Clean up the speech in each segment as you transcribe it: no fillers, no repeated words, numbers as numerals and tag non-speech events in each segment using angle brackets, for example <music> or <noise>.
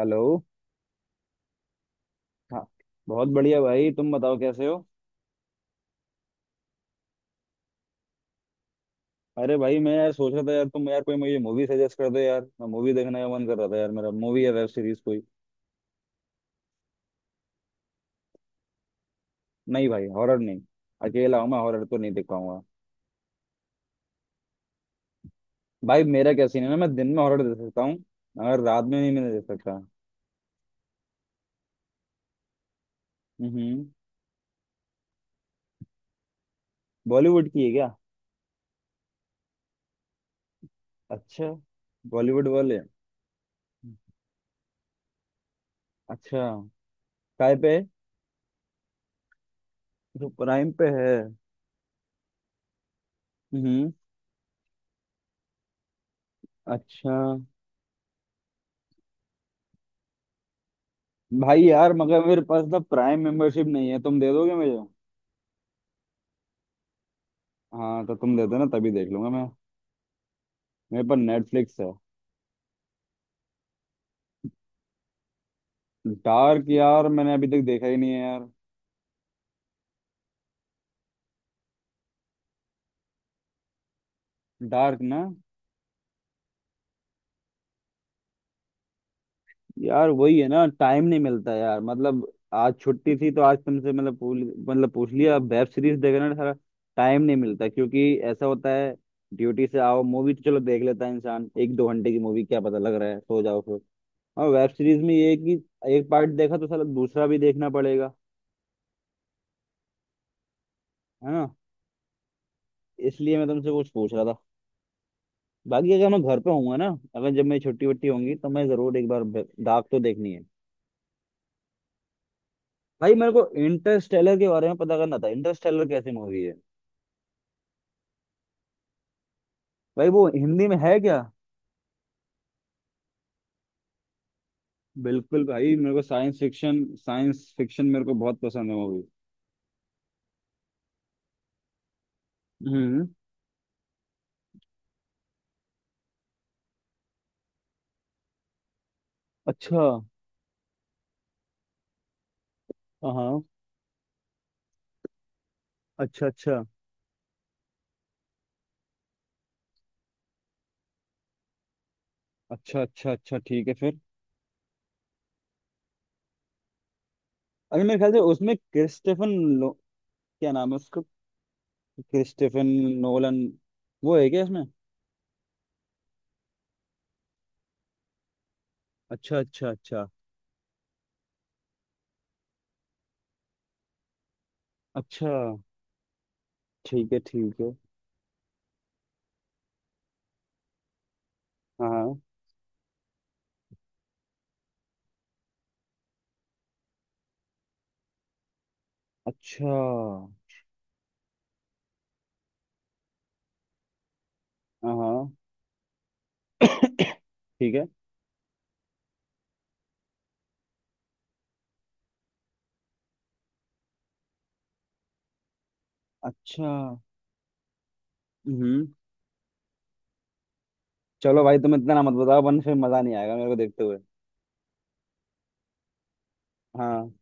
Hello. हाँ। बहुत बढ़िया भाई तुम बताओ कैसे हो। अरे भाई मैं यार सोच रहा था यार, तुम यार कोई मुझे मूवी सजेस्ट कर दो यार, मैं मूवी देखने का मन कर रहा था यार, मेरा मूवी या वेब सीरीज कोई। नहीं भाई हॉरर नहीं। अकेला हूँ मैं, हॉरर तो नहीं देख पाऊंगा। भाई मेरा क्या सीन है ना, मैं दिन में हॉरर देख सकता हूँ मगर रात में नहीं मैं देख सकता। हम्म। बॉलीवुड की है क्या? अच्छा। बॉलीवुड वाले। अच्छा। काय पे है? जो प्राइम पे है। हम्म। अच्छा। भाई यार मगर मेरे पास ना प्राइम मेंबरशिप नहीं है, तुम दे दोगे मुझे? हाँ तो तुम दे देना तभी देख लूंगा मैं। मेरे पर नेटफ्लिक्स है। डार्क यार मैंने अभी तक देखा ही नहीं है यार। डार्क ना। यार वही है ना, टाइम नहीं मिलता यार मतलब, आज छुट्टी थी तो आज तुमसे मतलब पूछ लिया, वेब सीरीज देखना सारा। टाइम नहीं मिलता क्योंकि ऐसा होता है, ड्यूटी से आओ मूवी तो चलो देख लेता है इंसान, एक दो घंटे की मूवी, क्या पता लग रहा है सो जाओ फिर। और वेब सीरीज में ये है कि एक पार्ट देखा तो साला दूसरा भी देखना पड़ेगा। है ना? इसलिए मैं तुमसे कुछ पूछ रहा था। बाकी अगर मैं घर पे होऊंगा ना, अगर जब मेरी छुट्टी वट्टी होंगी तो मैं जरूर एक बार डार्क तो देखनी है। भाई मेरे को इंटरस्टेलर के बारे में पता करना था, इंटरस्टेलर कैसी मूवी है? भाई वो हिंदी में है क्या? बिल्कुल भाई, मेरे को साइंस फिक्शन, साइंस फिक्शन मेरे को बहुत पसंद है मूवी। हम्म। अच्छा। हाँ हाँ, अच्छा अच्छा अच्छा। अच्छा। अच्छा ठीक है फिर। अरे मेरे ख्याल से उसमें क्रिस्टेफन। लो क्या नाम है उसका, क्रिस्टेफन नोलन वो है क्या इसमें? अच्छा अच्छा अच्छा। अच्छा ठीक है ठीक है। हाँ। अच्छा। हाँ हाँ। <coughs> ठीक है। अच्छा। हम्म। चलो भाई तुम इतना ना मत बताओ वरना फिर मजा नहीं आएगा मेरे को देखते हुए। हाँ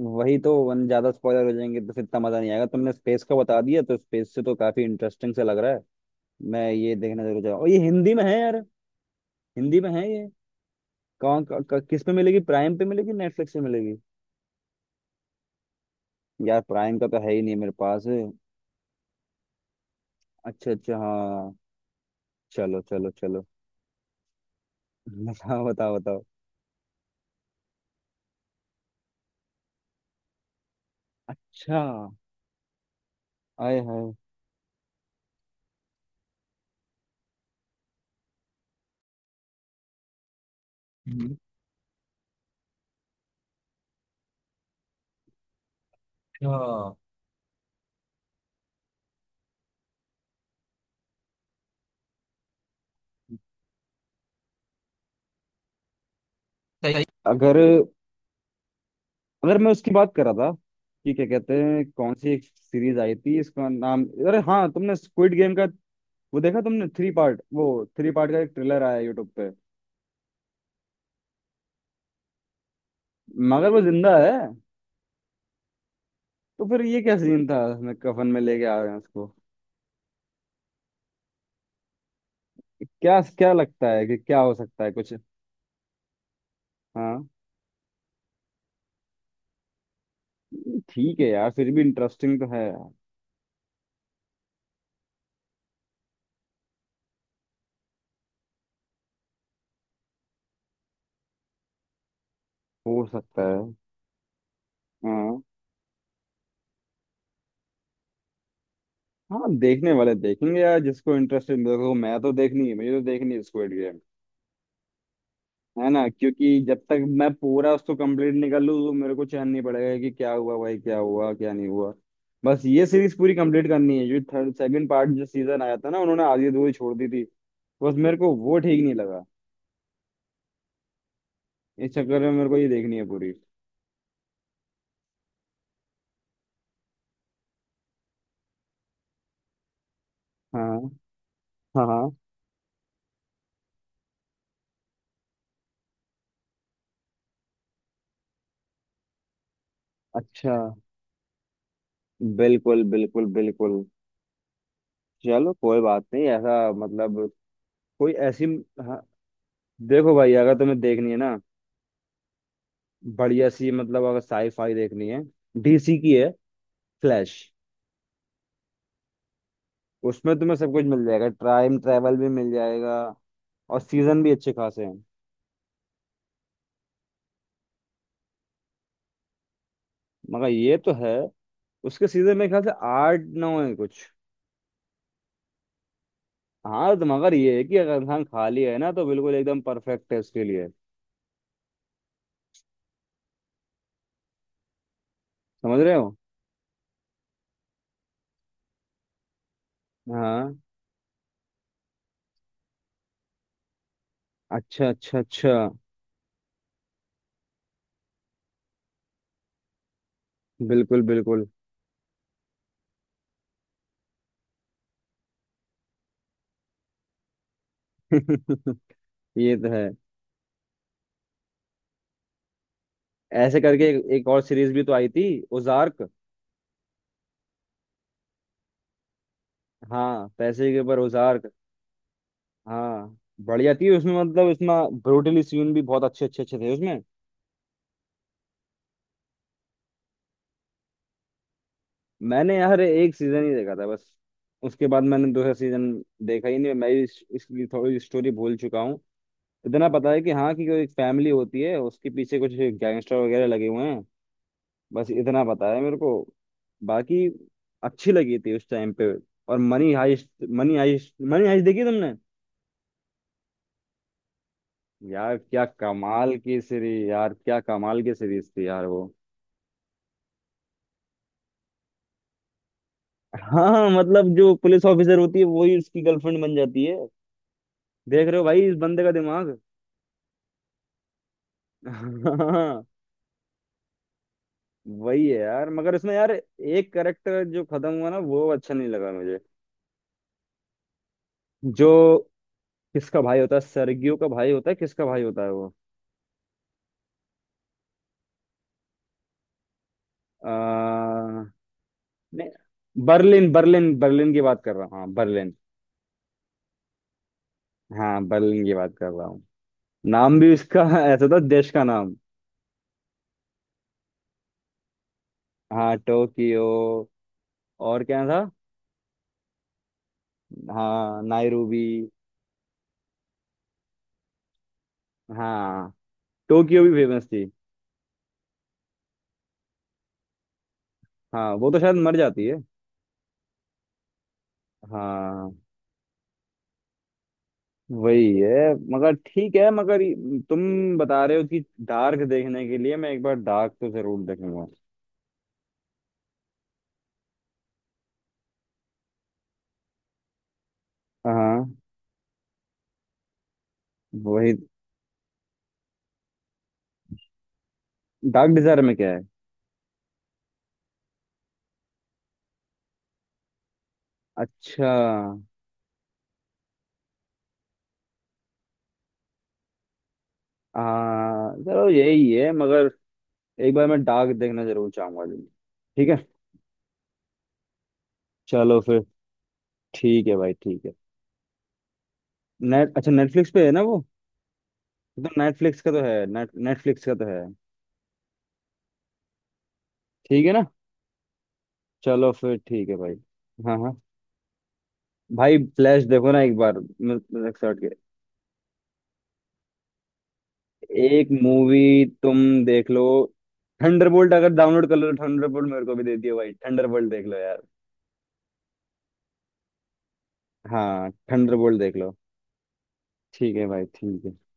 वही तो, वन ज्यादा स्पॉइलर हो जाएंगे तो फिर इतना मजा नहीं आएगा, तुमने स्पेस का बता दिया तो स्पेस से तो काफी इंटरेस्टिंग सा लग रहा है। मैं ये देखने जरूर जाऊँ, और ये हिंदी में है यार? हिंदी में है ये? किस पे मिलेगी, प्राइम पे मिलेगी नेटफ्लिक्स पे मिलेगी? यार प्राइम का तो है ही नहीं मेरे पास। अच्छा अच्छा हाँ। चलो चलो चलो। <laughs> बताओ बताओ बताओ। अच्छा। आए। हाय। हाँ। सही। अगर अगर मैं उसकी बात कर रहा था कि क्या कहते हैं, कौन सी एक सीरीज आई थी इसका नाम? अरे हाँ, तुमने स्क्विड गेम का वो देखा? तुमने थ्री पार्ट, वो थ्री पार्ट का एक ट्रेलर आया यूट्यूब पे। मगर वो जिंदा है, तो फिर ये क्या सीन था, मैं कफन में लेके आ रहे हैं उसको? क्या क्या लगता है कि क्या हो सकता है कुछ? हाँ। ठीक है यार, फिर भी इंटरेस्टिंग तो है यार। हो सकता है। हाँ हाँ देखने वाले देखेंगे यार, जिसको इंटरेस्ट है। देखो मैं तो देखनी है, मुझे तो देखनी है स्क्विड गेम। है ना? क्योंकि जब तक मैं पूरा उसको कंप्लीट नहीं कर लूँ तो मेरे को चैन नहीं पड़ेगा कि क्या हुआ भाई, क्या हुआ क्या नहीं हुआ। बस ये सीरीज पूरी कंप्लीट करनी है, जो थर्ड सेकंड पार्ट, जो सीजन आया था ना उन्होंने आधी अधूरी छोड़ दी थी। बस मेरे को वो ठीक नहीं लगा। इस चक्कर में मेरे को ये देखनी है पूरी। हाँ हाँ हाँ। अच्छा। बिल्कुल बिल्कुल बिल्कुल। चलो कोई बात नहीं, ऐसा मतलब कोई ऐसी। हाँ देखो भाई, अगर तुम्हें देखनी है ना बढ़िया सी मतलब, अगर साई फाई देखनी है, डीसी की है फ्लैश, उसमें तुम्हें सब कुछ मिल जाएगा, टाइम ट्रैवल भी मिल जाएगा, और सीजन भी अच्छे खासे हैं। मगर ये तो है, उसके सीजन मेरे ख्याल से आठ नौ है कुछ। हाँ तो मगर ये है कि अगर इंसान खाली है ना तो बिल्कुल एकदम परफेक्ट है उसके लिए। समझ रहे हो? हाँ। अच्छा अच्छा अच्छा। बिल्कुल बिल्कुल। <laughs> ये तो है। ऐसे करके एक और सीरीज भी तो आई थी, ओजार्क। हाँ पैसे के ऊपर ओजार्क। हाँ बढ़िया थी उसमें मतलब, इसमें ब्रूटली सीन भी बहुत अच्छे अच्छे अच्छे थे उसमें। मैंने यार एक सीजन ही देखा था बस, उसके बाद मैंने दूसरा सीजन देखा ही नहीं। मैं इसकी थोड़ी स्टोरी भूल चुका हूँ। इतना पता है कि, हाँ कि कोई फैमिली होती है उसके पीछे कुछ गैंगस्टर वगैरह लगे हुए हैं। बस इतना पता है मेरे को। बाकी अच्छी लगी थी उस टाइम पे। और Money Heist, Money Heist, Money Heist देखी तुमने? यार क्या कमाल की सीरीज, यार क्या कमाल की सीरीज थी यार वो। हाँ, मतलब जो पुलिस ऑफिसर होती है वही उसकी गर्लफ्रेंड बन जाती है। देख रहे हो भाई इस बंदे का दिमाग? <laughs> हाँ वही है यार, मगर उसमें यार एक करेक्टर जो खत्म हुआ ना वो अच्छा नहीं लगा मुझे। जो किसका भाई होता है, सर्गियो का भाई होता है, किसका भाई होता है वो? आ, नहीं, बर्लिन बर्लिन, बर्लिन की बात कर रहा हूँ, हाँ बर्लिन। हाँ बर्लिन की बात कर रहा हूँ। नाम भी उसका <laughs> ऐसा था, देश का नाम। हाँ टोक्यो। और क्या था? हाँ नायरूबी। हाँ टोक्यो भी फेमस थी। हाँ वो तो शायद मर जाती है। हाँ वही है। मगर ठीक है, मगर तुम बता रहे हो कि डार्क देखने के लिए, मैं एक बार डार्क तो जरूर देखूंगा। हाँ वही। डार्क डिजायर में क्या है? अच्छा। हाँ चलो यही है मगर, एक बार मैं डार्क देखना जरूर चाहूंगा जी। ठीक है। चलो फिर ठीक है भाई ठीक है। नेट अच्छा नेटफ्लिक्स पे है ना वो। तो नेटफ्लिक्स का तो है, नेटफ्लिक्स का तो है। ठीक है ना? चलो फिर ठीक है भाई। हाँ हाँ। भाई फ्लैश देखो ना एक बार। सर्च। एक मूवी तुम देख लो, थंडरबोल्ट। अगर डाउनलोड कर लो तो थंडरबोल्ट मेरे को भी दे दियो भाई। थंडरबोल्ट देख लो यार। हाँ थंडरबोल्ट देख लो। ठीक है भाई ठीक है।